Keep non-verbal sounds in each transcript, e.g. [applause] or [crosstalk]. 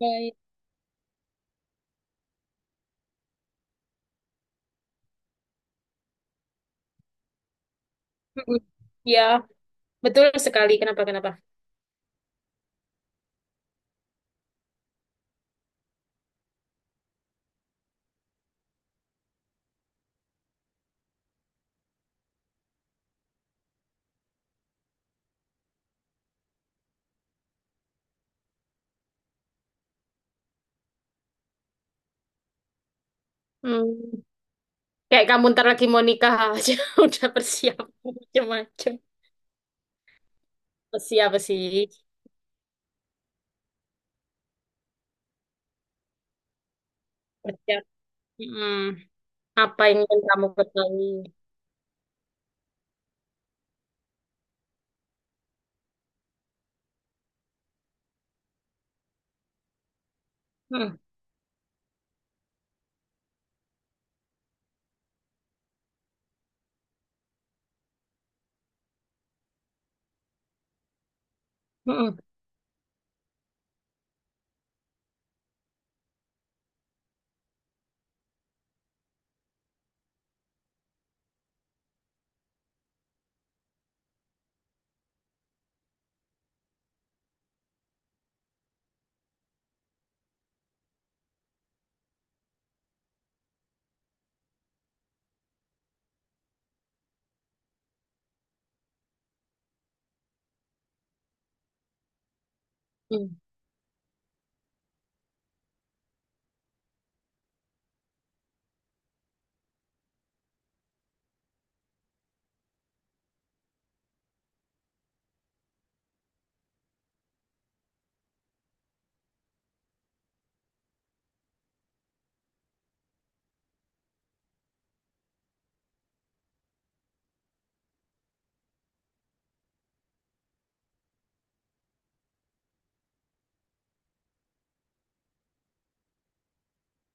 Baik. Mm-mm. Ya, betul sekali. Kenapa, kenapa? Hmm, Kayak kamu ntar lagi mau nikah aja [laughs] udah bersiap macam-macam. Siap sih. Siap. Mm-mm. Apa yang ingin kamu ketahui? Mm. Mm-mm. Mm.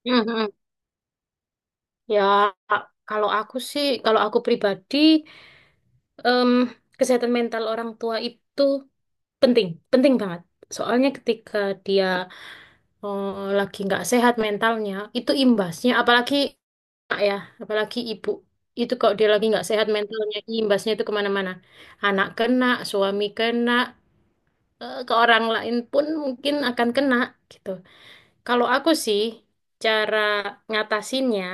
Mm, mm, mm. Ya, kalau aku sih, kalau aku pribadi, em, kesehatan mental orang tua itu penting, penting banget. Soalnya ketika dia lagi nggak sehat mentalnya, itu imbasnya, apalagi anak ya, apalagi ibu. Itu kalau dia lagi nggak sehat mentalnya, imbasnya itu kemana-mana. Anak kena, suami kena, ke orang lain pun mungkin akan kena gitu. Kalau aku sih, cara ngatasinnya,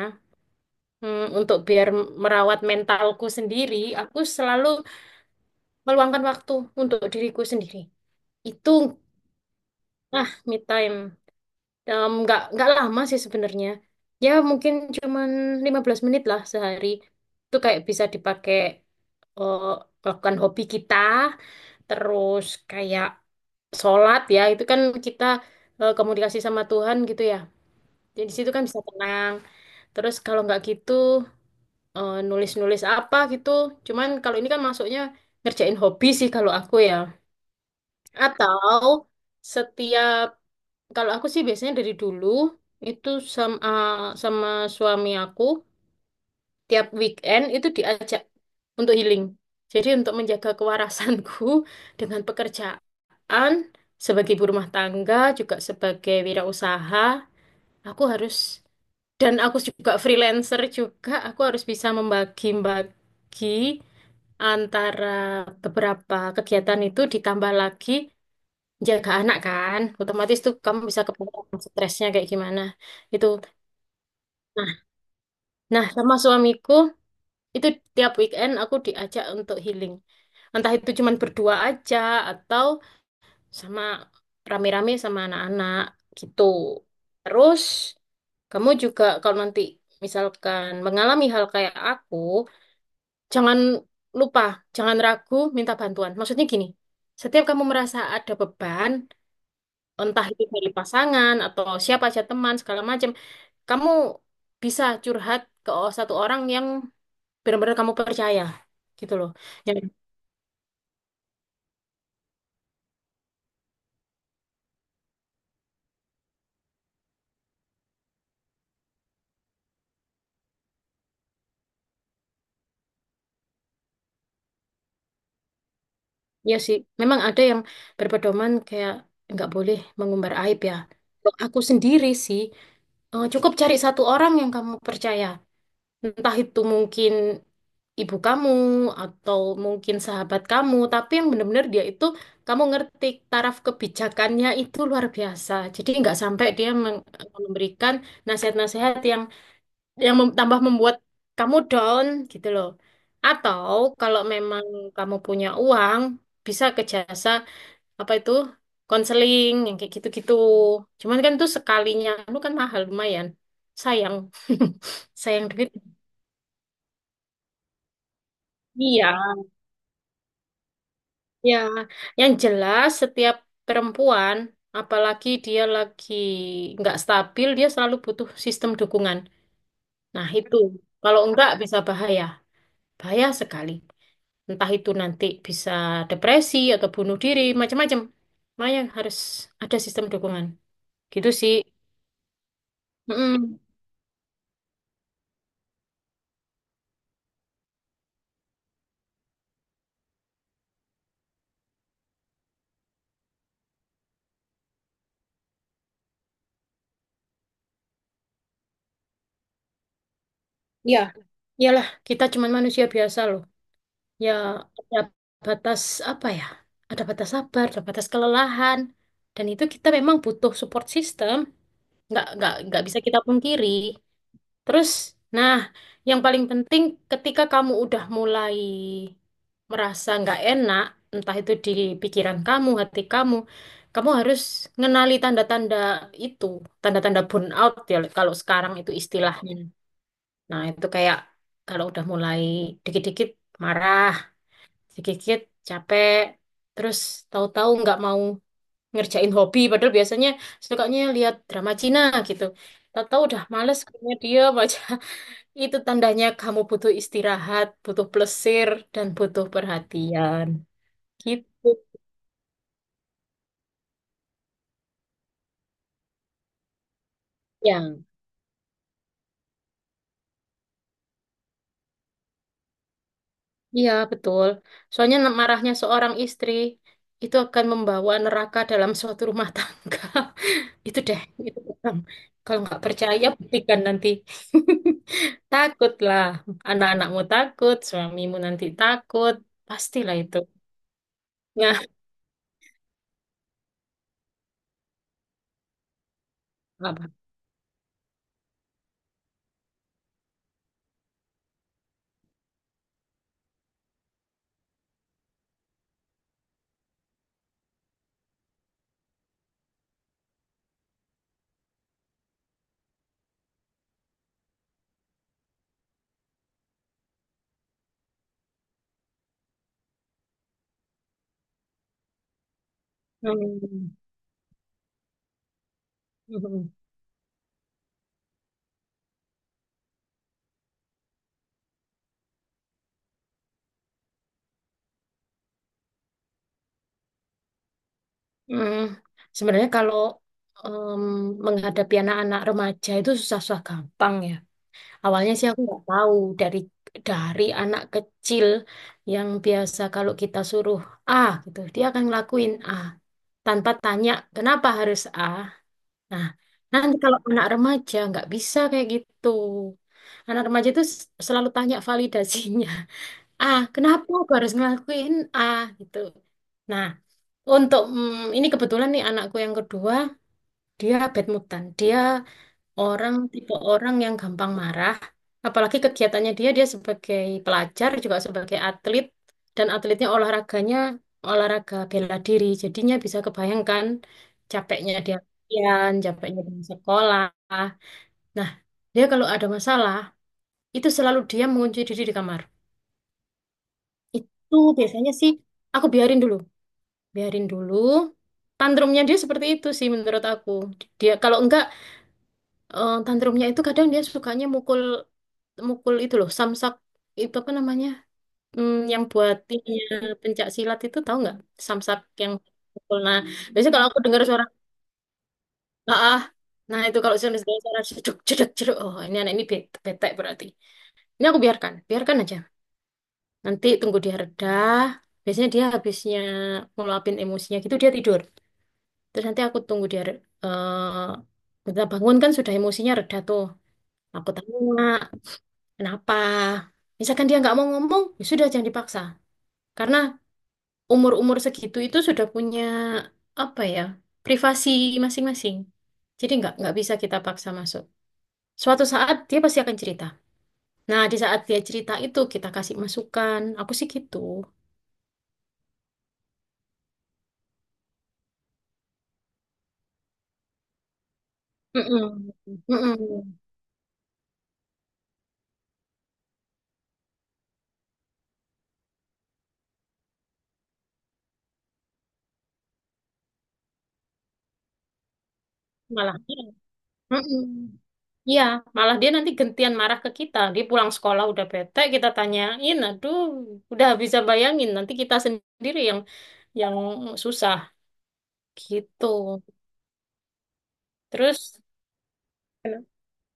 untuk biar merawat mentalku sendiri, aku selalu meluangkan waktu untuk diriku sendiri. Itu, me time. Nggak lama sih sebenarnya. Ya mungkin cuman 15 menit lah sehari. Itu kayak bisa dipakai eh, melakukan hobi kita. Terus kayak sholat ya. Itu kan kita komunikasi sama Tuhan gitu ya. Jadi di situ kan bisa tenang. Terus kalau nggak gitu nulis-nulis apa gitu. Cuman kalau ini kan masuknya ngerjain hobi sih kalau aku ya. Atau setiap kalau aku sih biasanya dari dulu itu sama sama suami aku tiap weekend itu diajak untuk healing. Jadi untuk menjaga kewarasanku [laughs] dengan pekerjaan sebagai ibu rumah tangga juga sebagai wirausaha, aku harus, dan aku juga freelancer juga, aku harus bisa membagi-bagi antara beberapa kegiatan itu ditambah lagi jaga anak, kan otomatis tuh kamu bisa kebayang stresnya kayak gimana itu. Nah nah sama suamiku, itu tiap weekend aku diajak untuk healing, entah itu cuman berdua aja atau sama rame-rame sama anak-anak, gitu. Terus kamu juga kalau nanti misalkan mengalami hal kayak aku, jangan lupa, jangan ragu minta bantuan. Maksudnya gini, setiap kamu merasa ada beban, entah itu dari pasangan atau siapa aja, teman, segala macam, kamu bisa curhat ke satu orang yang benar-benar kamu percaya, gitu loh. Yang ya, iya sih, memang ada yang berpedoman kayak nggak boleh mengumbar aib ya. Kalau aku sendiri sih, cukup cari satu orang yang kamu percaya, entah itu mungkin ibu kamu atau mungkin sahabat kamu, tapi yang benar-benar dia itu, kamu ngerti, taraf kebijakannya itu luar biasa. Jadi nggak sampai dia memberikan nasihat-nasihat yang yang tambah membuat kamu down gitu loh. Atau kalau memang kamu punya uang, bisa ke jasa apa itu, konseling yang kayak gitu-gitu. Cuman kan itu sekalinya, lu kan mahal lumayan. Sayang, [laughs] sayang duit. Iya. Ya, yang jelas setiap perempuan, apalagi dia lagi nggak stabil, dia selalu butuh sistem dukungan. Nah, itu. Kalau enggak bisa bahaya. Bahaya sekali. Entah itu nanti bisa depresi atau bunuh diri, macam-macam. Makanya harus ada sistem dukungan. Gitu sih. Mm-mm. Ya, iyalah kita cuma manusia biasa loh. Ya, ada batas apa ya? Ada batas sabar, ada batas kelelahan. Dan itu kita memang butuh support system. Nggak bisa kita pungkiri. Terus, nah, yang paling penting ketika kamu udah mulai merasa nggak enak, entah itu di pikiran kamu, hati kamu, kamu harus ngenali tanda-tanda itu, tanda-tanda burnout ya kalau sekarang itu istilahnya. Nah, itu kayak kalau udah mulai dikit-dikit marah, dikit-dikit capek, terus tahu-tahu nggak mau ngerjain hobi padahal biasanya sukanya lihat drama Cina gitu. Tahu-tahu udah males kayaknya dia baca [laughs] itu tandanya kamu butuh istirahat, butuh plesir dan butuh perhatian. Gitu ya. Iya, betul. Soalnya marahnya seorang istri itu akan membawa neraka dalam suatu rumah tangga. [laughs] Itu deh, itu pegang. Kalau nggak percaya, buktikan nanti. [laughs] Takutlah, anak-anakmu takut, suamimu nanti takut, pastilah itu. Ya, apa? Hmm, mhm. Hmm, Sebenarnya kalau em, menghadapi anak-anak remaja itu susah-susah gampang ya. Awalnya sih aku nggak tahu, dari dari anak kecil yang biasa kalau kita suruh A gitu, dia akan ngelakuin A tanpa tanya kenapa harus A. Nah, nanti kalau anak remaja nggak bisa kayak gitu. Anak remaja itu selalu tanya validasinya. [laughs] A, kenapa aku harus ngelakuin A gitu. Nah, untuk ini kebetulan nih anakku yang kedua, dia bad mutan. Dia orang, tipe orang yang gampang marah. Apalagi kegiatannya dia dia sebagai pelajar juga sebagai atlet, dan atletnya olahraganya olahraga bela diri. Jadinya bisa kebayangkan capeknya dia latihan, capeknya di sekolah. Nah, dia kalau ada masalah itu selalu dia mengunci diri di kamar. Itu biasanya sih aku biarin dulu. Biarin dulu, tantrumnya dia seperti itu sih menurut aku. Dia kalau enggak tantrumnya itu kadang dia sukanya mukul, mukul itu loh samsak, itu apa namanya, yang buat ininya pencak silat itu, tahu nggak, samsak yang mukul. Nah, biasanya kalau aku dengar suara ah, ah, nah itu kalau suara, suara jeduk jeduk jeduk, oh ini anak ini bete, bete berarti. Ini aku biarkan, biarkan aja, nanti tunggu dia reda. Biasanya dia habisnya ngeluapin emosinya gitu, dia tidur. Terus nanti aku tunggu dia, bentar bangun kan sudah emosinya reda tuh. Aku tanya, kenapa? Misalkan dia nggak mau ngomong, ya sudah jangan dipaksa. Karena umur-umur segitu itu sudah punya apa ya, privasi masing-masing. Jadi nggak bisa kita paksa masuk. Suatu saat dia pasti akan cerita. Nah, di saat dia cerita itu kita kasih masukan. Aku sih gitu. Mm-mm. Mm-mm. Malah. Mm-mm. Iya, malah dia nanti gentian marah ke kita. Dia pulang sekolah udah bete, kita tanyain, aduh, udah bisa bayangin. Nanti kita sendiri yang yang susah gitu. Terus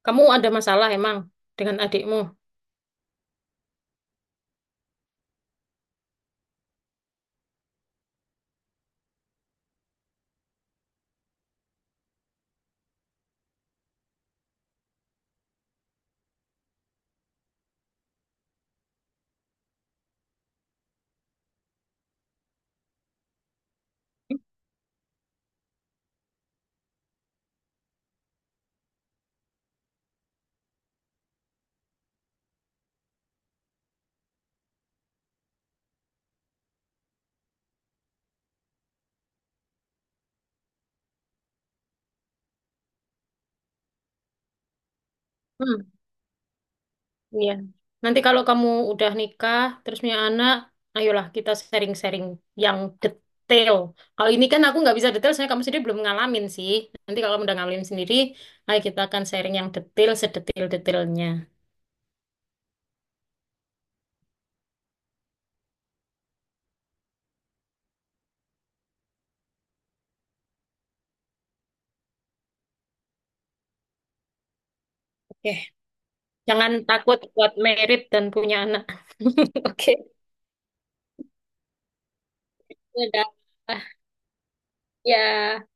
kamu ada masalah emang dengan adikmu? Hmm, iya. Nanti kalau kamu udah nikah, terus punya anak, ayolah kita sharing-sharing yang detail. Kalau ini kan aku nggak bisa detail, soalnya kamu sendiri belum ngalamin sih. Nanti kalau kamu udah ngalamin sendiri, ayo kita akan sharing yang detail, sedetil-detailnya. Oke. Jangan takut buat merit dan punya anak. [laughs] Oke, udah. Ah, ya,